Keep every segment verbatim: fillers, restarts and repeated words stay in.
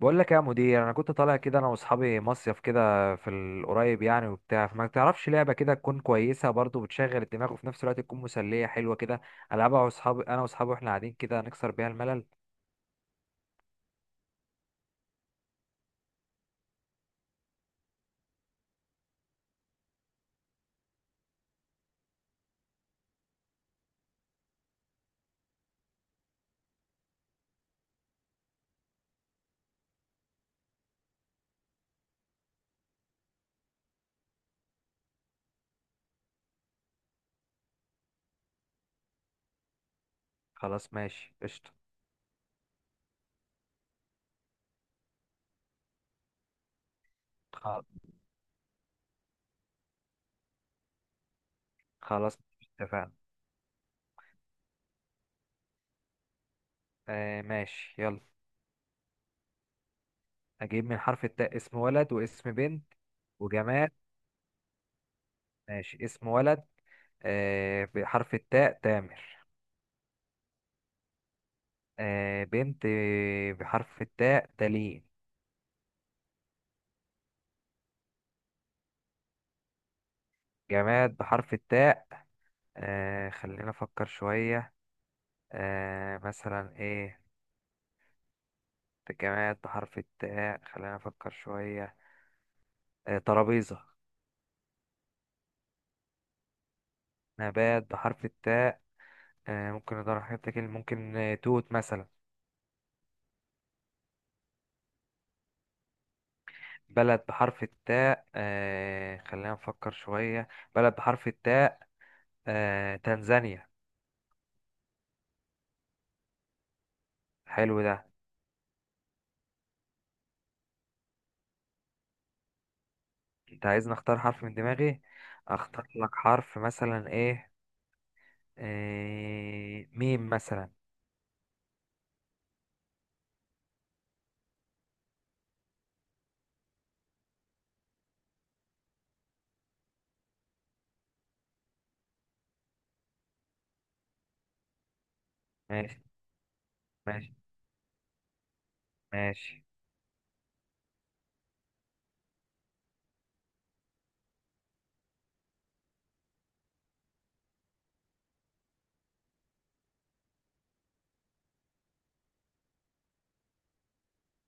بقول لك يا مدير، انا كنت طالع كده انا واصحابي مصيف كده في القريب، يعني وبتاع. فما تعرفش لعبه كده تكون كويسه برضو، بتشغل الدماغ وفي نفس الوقت تكون مسليه حلوه كده، العبها واصحابي انا واصحابي واحنا قاعدين كده نكسر بيها الملل. خلاص ماشي قشطه. خ- خلاص اتفقنا. آه ماشي يلا. اجيب من حرف التاء اسم ولد واسم بنت وجماد. ماشي اسم ولد. آه بحرف التاء تامر. آه بنت بحرف التاء تالين. جماد بحرف التاء، آه خلينا أفكر شوية. آه مثلا إيه. جماد بحرف التاء خلينا أفكر شوية. آه ترابيزة. نبات بحرف التاء، آه ممكن ندور على حاجات كده، ممكن آه توت مثلا. بلد بحرف التاء، آه خلينا نفكر شوية. بلد بحرف التاء، آه تنزانيا. حلو ده. أنت عايزني أختار حرف من دماغي؟ أختار لك حرف مثلا إيه. آه ميم مثلا. ماشي ماشي ماشي.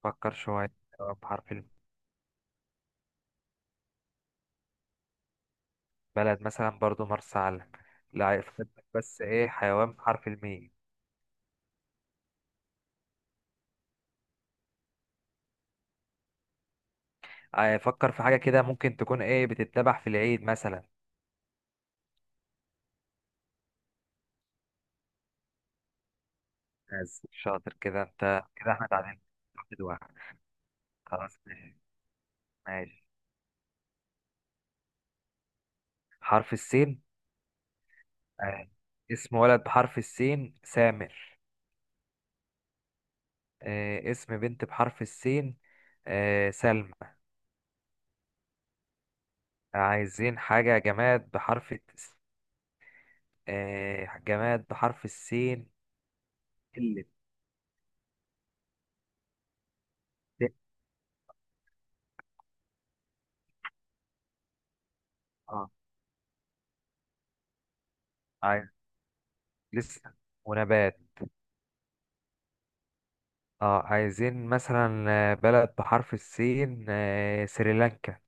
فكر شوية. حيوان بحرف الم. بلد مثلا برضو مرسى علم. لا، فكرتك بس، ايه حيوان بحرف الميم. آه، فكر في حاجة كده، ممكن تكون ايه بتتذبح في العيد مثلا. بس شاطر كده انت، كده احنا تعادلنا. واحد واحد. خلاص ماشي. ماشي. حرف السين. آه. اسم ولد بحرف السين سامر. آه. اسم بنت بحرف السين. آه. سلمى. عايزين حاجة جماد بحرف الس- آه. جماد بحرف السين اللي عايز. لسه ونبات. اه عايزين مثلا، آه، بلد بحرف السين، آه، سريلانكا.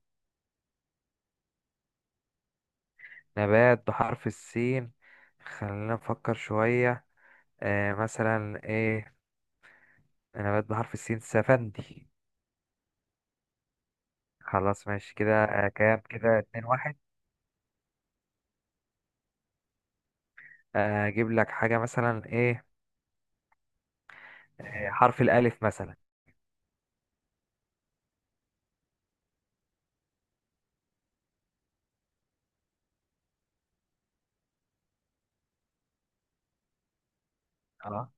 نبات بحرف السين، خلينا نفكر شوية. آه مثلا ايه. نبات بحرف السين سفندي. خلاص ماشي كده، آه كام كده، اتنين واحد. آه، اجيب لك حاجة مثلا ايه. آه حرف الألف مثلا. اه.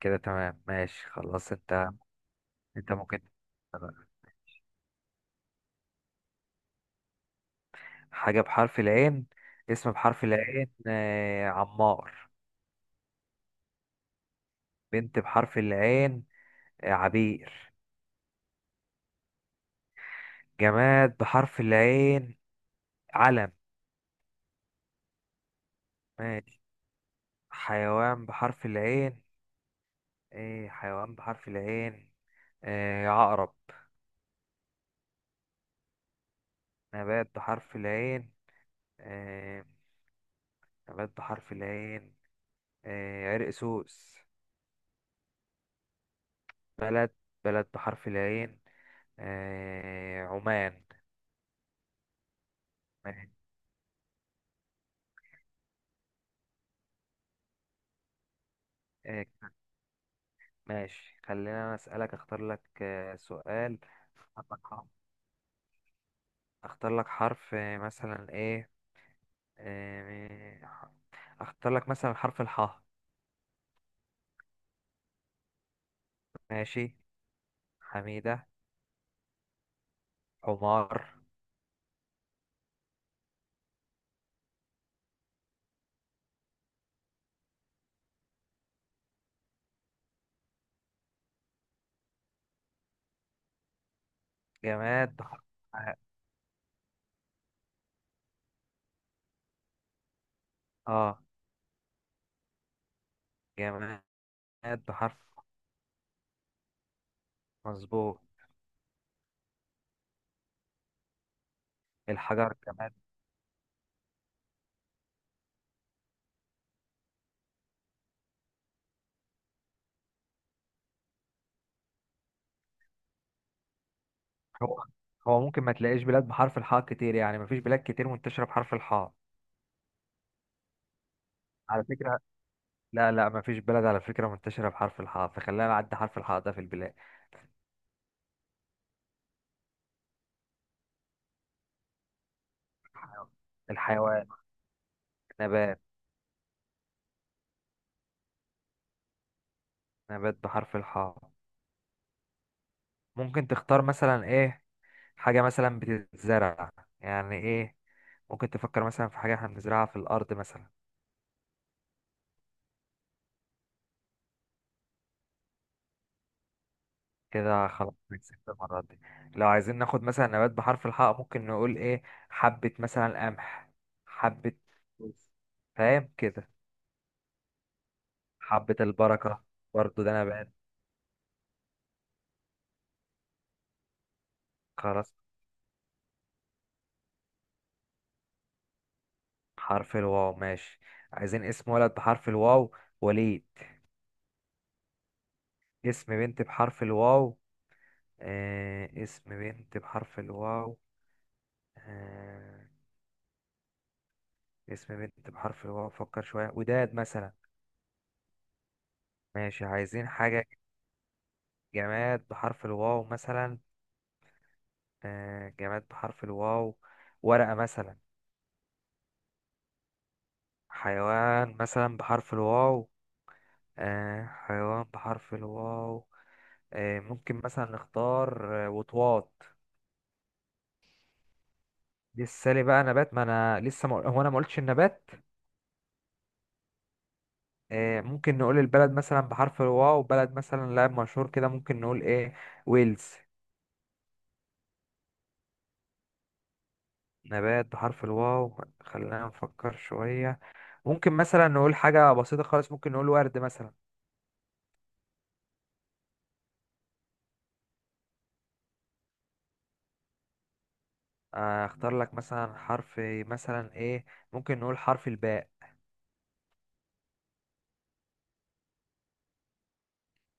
كده تمام ماشي خلاص انت. انت ممكن حاجة بحرف العين. اسم بحرف العين، آه عمار. بنت بحرف العين، آه، عبير. جماد بحرف العين، علم. ماشي. حيوان بحرف العين. ايه حيوان بحرف العين؟ آه عقرب. نبات بحرف العين. آه نبات بحرف العين آه عرق سوس. بلد بلد بحرف العين، آه عمان. ماشي. آه ماشي. خلينا أنا أسألك، أختار لك آه سؤال. أختار لك حرف. أختار لك حرف، آه، مثلا إيه. آه، ح- اختار لك مثلا حرف الحاء. ماشي. حميدة. حمار. جماد بح... اه. آه، جماد بحرف مظبوط. الحجر جماد. هو هو ممكن ما تلاقيش بلاد بحرف الحاء كتير، يعني مفيش بلاد كتير منتشرة بحرف الحاء، على فكرة. لا لا، مفيش بلد على فكرة منتشرة بحرف الحاء، فخلينا نعدي حرف الحاء ده في البلاد. الحيوان. الحيوان. نبات. نبات بحرف الحاء، ممكن تختار مثلا ايه. حاجة مثلا بتتزرع، يعني ايه. ممكن تفكر مثلا في حاجة احنا بنزرعها في الأرض مثلا. كده خلاص كسبت المرة دي. لو عايزين ناخد مثلا نبات بحرف الحاء، ممكن نقول ايه. حبة مثلا قمح. حبة فوز. فاهم كده. حبة البركة. برضو ده نبات. خلاص. حرف الواو ماشي. عايزين اسم ولد بحرف الواو، وليد. اسم بنت بحرف الواو. آه اسم بنت بحرف الواو آه اسم بنت بحرف الواو، فكر شوية، وداد مثلا. ماشي، عايزين حاجة. جماد بحرف الواو مثلا، آه، جماد بحرف الواو، ورقة مثلا. حيوان مثلا بحرف الواو، آه، حيوان بحرف الواو، آه، ممكن مثلا نختار آه، وطواط. لسه لي بقى نبات، ما انا لسه ما... هو انا ما قلتش النبات. آه، ممكن نقول البلد مثلا بحرف الواو، بلد مثلا لاعب مشهور كده، ممكن نقول ايه. ويلز. نبات بحرف الواو، خلينا نفكر شوية. ممكن مثلا نقول حاجة بسيطة خالص، ممكن نقول ورد مثلا. آه، اختار لك مثلا حرف، مثلا ايه. ممكن نقول حرف الباء.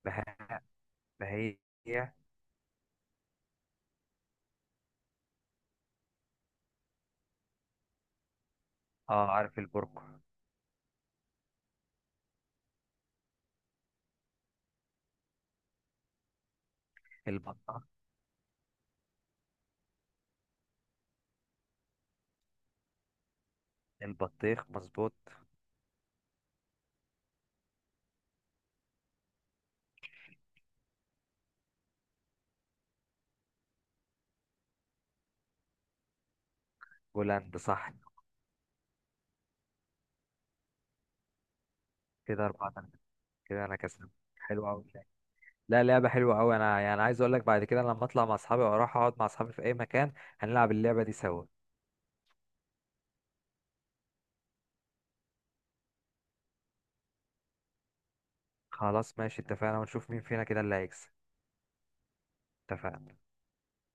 بها. هي. اه عارف البرقع. البطة. البطيخ مظبوط. بولند صح. كده أربعة تلاتة. كده أنا كسبت. حلو أوي. لا، لعبة حلوة أوي. أنا يعني عايز أقول لك، بعد كده لما أطلع مع أصحابي أو أروح أقعد مع أصحابي في أي مكان، هنلعب اللعبة دي سوا. خلاص ماشي اتفقنا، ونشوف مين فينا كده اللي هيكسب. اتفقنا.